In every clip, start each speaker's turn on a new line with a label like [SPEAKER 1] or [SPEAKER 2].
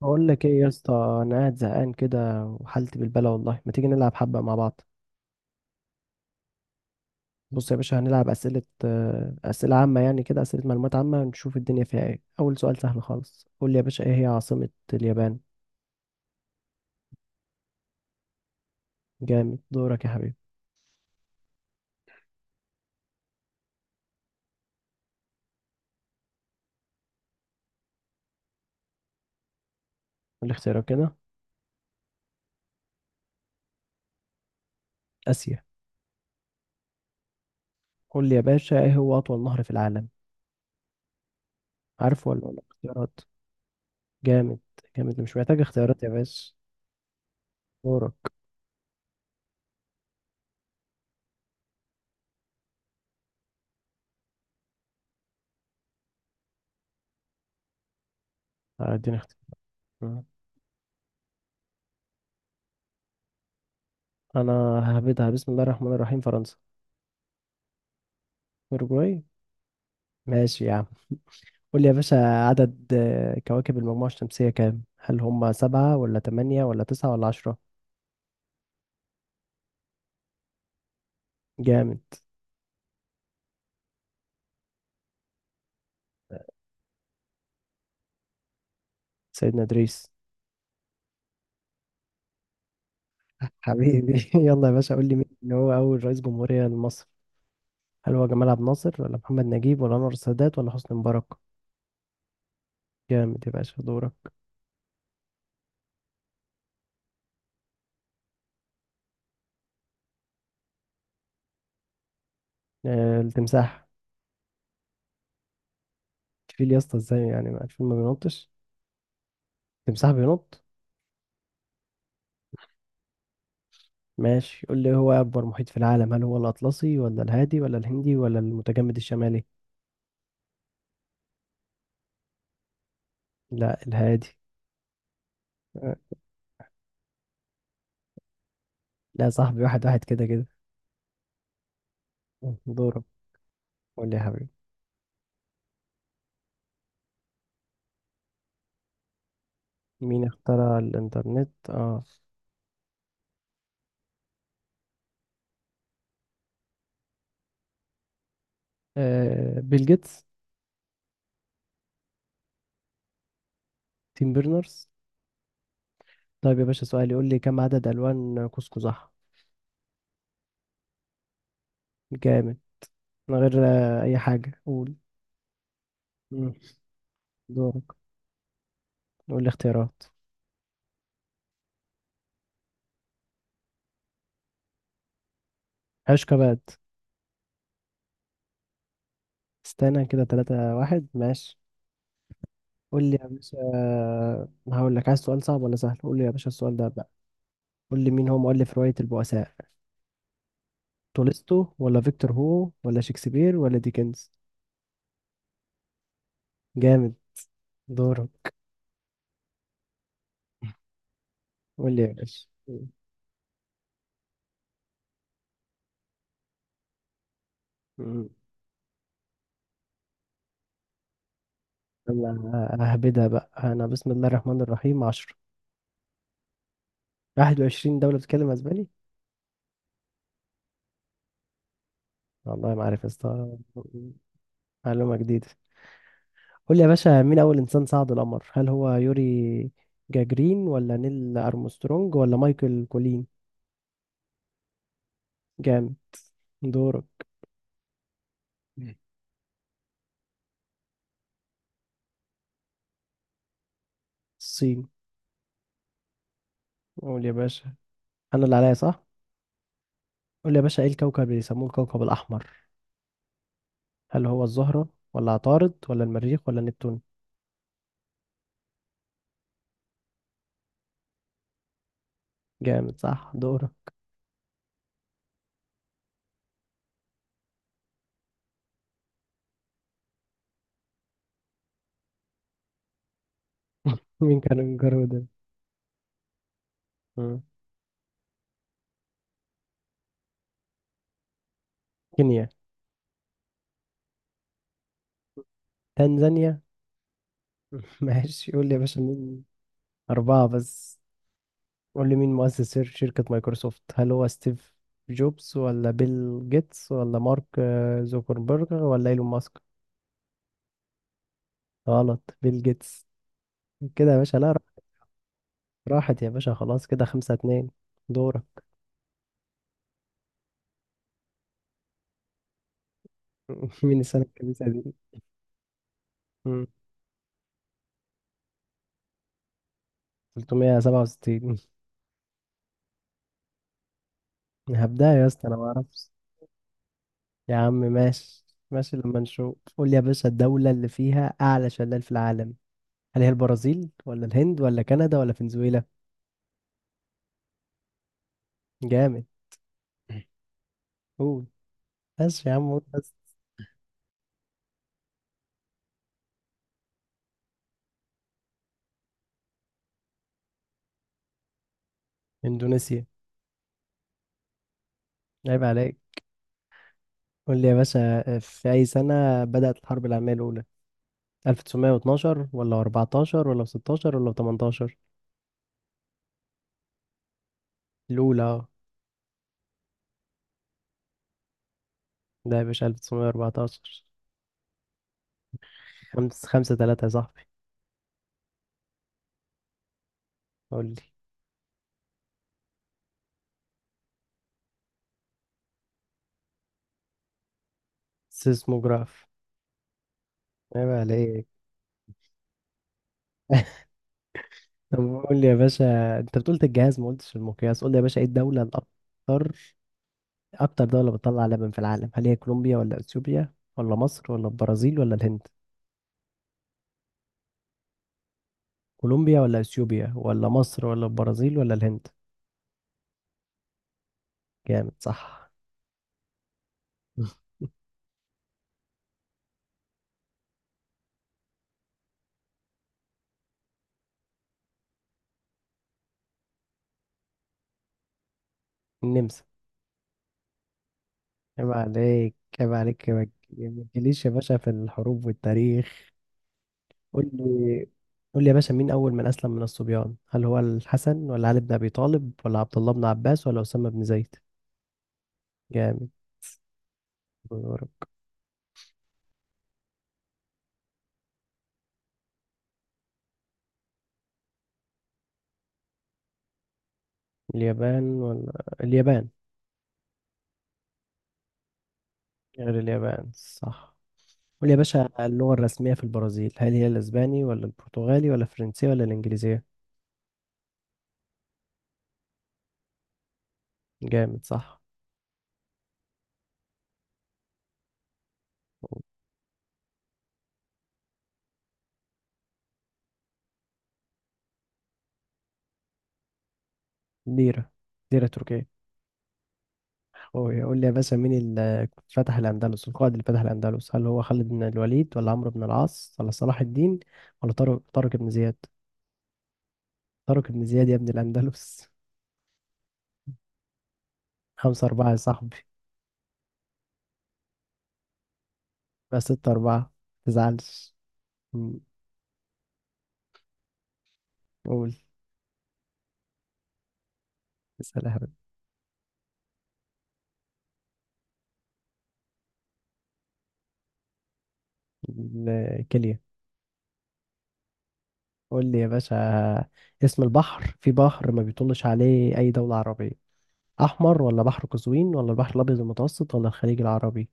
[SPEAKER 1] بقول لك ايه يا اسطى، انا قاعد زهقان كده وحالتي بالبلا. والله ما تيجي نلعب حبه مع بعض؟ بص يا باشا، هنلعب اسئله عامه، يعني كده اسئله معلومات عامه. نشوف الدنيا فيها ايه. اول سؤال سهل خالص. قول لي يا باشا، ايه هي عاصمه اليابان؟ جامد. دورك يا حبيبي. قول لي اختيارات كده. اسيا. قول لي يا باشا، ايه هو اطول نهر في العالم؟ عارفه ولا اختيارات؟ جامد. جامد، مش محتاج اختيارات يا باشا. دورك. اديني اختيار. انا ههبدها. بسم الله الرحمن الرحيم. فرنسا. اوروجواي. ماشي يا عم. قول لي يا باشا. عدد كواكب المجموعة الشمسية كام؟ هل هم سبعة ولا تمانية ولا تسعة ولا عشرة؟ جامد. سيدنا إدريس. حبيبي. يلا يا باشا، قول لي مين اللي هو أول رئيس جمهورية لمصر؟ هل هو جمال عبد الناصر ولا محمد نجيب ولا أنور السادات ولا حسني مبارك؟ جامد يا باشا. دورك. التمساح. الفيل يا اسطى؟ ازاي يعني، ما الفيل ما بينطش؟ التمساح بينط؟ ماشي. قول لي، هو أكبر محيط في العالم هل هو الأطلسي ولا الهادي ولا الهندي ولا المتجمد الشمالي؟ لا، الهادي. لا يا صاحبي، واحد واحد كده كده. دورك. قول لي يا حبيبي. مين اخترع الإنترنت بيل جيتس. تيم بيرنرز. طيب يا باشا، سؤال يقول لي كم عدد ألوان قوس. جامد. من غير أي حاجة، قول. مم. دورك. قول لي اختيارات. عشقة بقى. استنى كده، تلاتة واحد، ماشي. قول لي يا باشا. هقول لك عايز سؤال صعب ولا سهل. قول لي يا باشا السؤال ده بقى. قول لي مين هو مؤلف رواية البؤساء؟ تولستو ولا فيكتور هو ولا شكسبير ولا ديكنز؟ جامد. دورك. قول لي يا باشا. مم. يلا، ههبدها بقى انا. بسم الله الرحمن الرحيم. 10. 21 دولة بتتكلم اسباني؟ والله ما عارف يا اسطى. معلومة جديدة. قول لي يا باشا، مين اول انسان صعد القمر؟ هل هو يوري جاجرين ولا نيل ارمسترونج ولا مايكل كولين؟ جامد. دورك. مم. الصين. قول يا باشا. انا اللي عليا صح. قول لي يا باشا، ايه الكوكب اللي بيسموه الكوكب الاحمر؟ هل هو الزهرة ولا عطارد ولا المريخ ولا نبتون؟ جامد صح. دورك. مين كان جارو ده؟ مم. كينيا. تنزانيا. ماشي. قول لي يا باشا، مين. أربعة بس. قول لي مين مؤسس شركة مايكروسوفت؟ هل هو ستيف جوبز ولا بيل جيتس ولا مارك زوكربيرج ولا إيلون ماسك؟ غلط. بيل جيتس. كده يا باشا. لا راح- راحت يا باشا، خلاص كده خمسة اتنين. دورك. مين السنة الكبيسة دي؟ مم. 367. هبدأ. يا اسطى، أنا ما أعرفش. يا عم ماشي. ماشي لما نشوف. قول لي يا باشا، الدولة اللي فيها أعلى شلال في العالم. هل هي البرازيل ولا الهند ولا كندا ولا فنزويلا؟ جامد. قول بس يا عم، قول بس. إندونيسيا. عيب عليك. قول لي يا باشا. في أي سنة بدأت الحرب العالمية الأولى؟ 1912 ولا 14 ولا 16 ولا 18؟ الأولى ده يا باشا 1914. خمسة خمسة تلاتة يا صاحبي. قول لي. سيسموجراف. عيب عليك. طب. قول لي يا باشا، انت بتقول الجهاز ما قلتش المقياس. قول لي يا باشا ايه الدولة الاكثر. اكتر دولة بتطلع لبن في العالم، هل هي كولومبيا ولا اثيوبيا ولا مصر ولا البرازيل ولا الهند؟ كولومبيا ولا اثيوبيا ولا مصر ولا البرازيل ولا الهند؟ جامد صح. النمسا. عيب عليك، عيب عليك. ما تجيليش يا باشا في الحروب والتاريخ. قول لي. قول لي يا باشا، مين اول من اسلم من الصبيان؟ هل هو الحسن ولا علي بن ابي طالب ولا عبد الله بن عباس ولا اسامة بن زيد؟ جامد. اليابان ولا اليابان. غير اليابان، صح. قول يا باشا، اللغة الرسمية في البرازيل هل هي الأسباني ولا البرتغالي ولا الفرنسية ولا الإنجليزية؟ جامد صح. ليرة. ليرة تركية. قول لي يا باشا، مين اللي فتح الأندلس، القائد اللي فتح الأندلس، هل هو خالد بن الوليد ولا عمرو بن العاص ولا صلاح الدين ولا طارق بن زياد؟ طارق بن زياد يا ابن الأندلس. خمسة أربعة يا صاحبي. بس ستة أربعة. متزعلش. مم، قول. اسأل يا حبيبي. الكلية. قول لي يا باشا، اسم البحر، في بحر ما بيطلش عليه أي دولة عربية. أحمر ولا بحر قزوين ولا البحر الأبيض المتوسط ولا الخليج العربي؟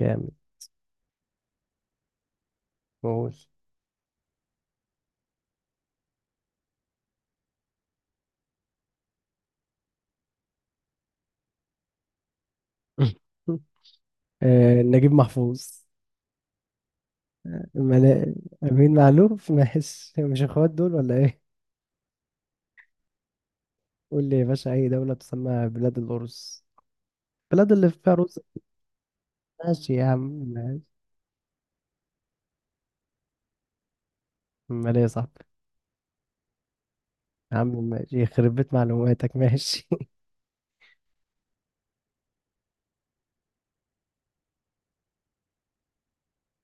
[SPEAKER 1] جامد. قول. نجيب محفوظ. ملا... أمين معلوف. ماشي، مش اخوات دول ولا ايه؟ قول لي يا باشا، أي دولة تسمى بلاد الأرز؟ بلاد اللي فيها رز. ماشي يا عم، ماشي. أمال إيه يا صاحبي؟ يا عم ماشي، يخرب بيت معلوماتك. ماشي.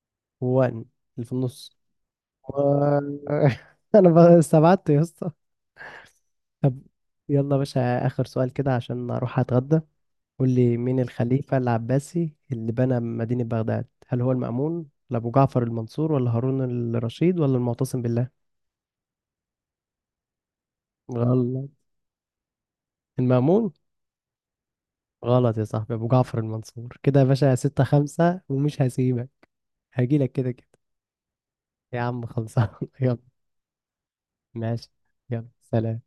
[SPEAKER 1] وان. اللي في النص. و... أنا بقى استبعدت يا اسطى. طب. يلا يا باشا، آخر سؤال كده عشان أروح أتغدى. قول لي مين الخليفة العباسي اللي بنى مدينة بغداد؟ هل هو المأمون ولا أبو جعفر المنصور ولا هارون الرشيد ولا المعتصم بالله؟ غلط. المأمون. غلط يا صاحبي. أبو جعفر المنصور. كده يا باشا ستة خمسة، ومش هسيبك. هجيلك كده كده. يا عم خلصان. يلا. ماشي. يلا سلام.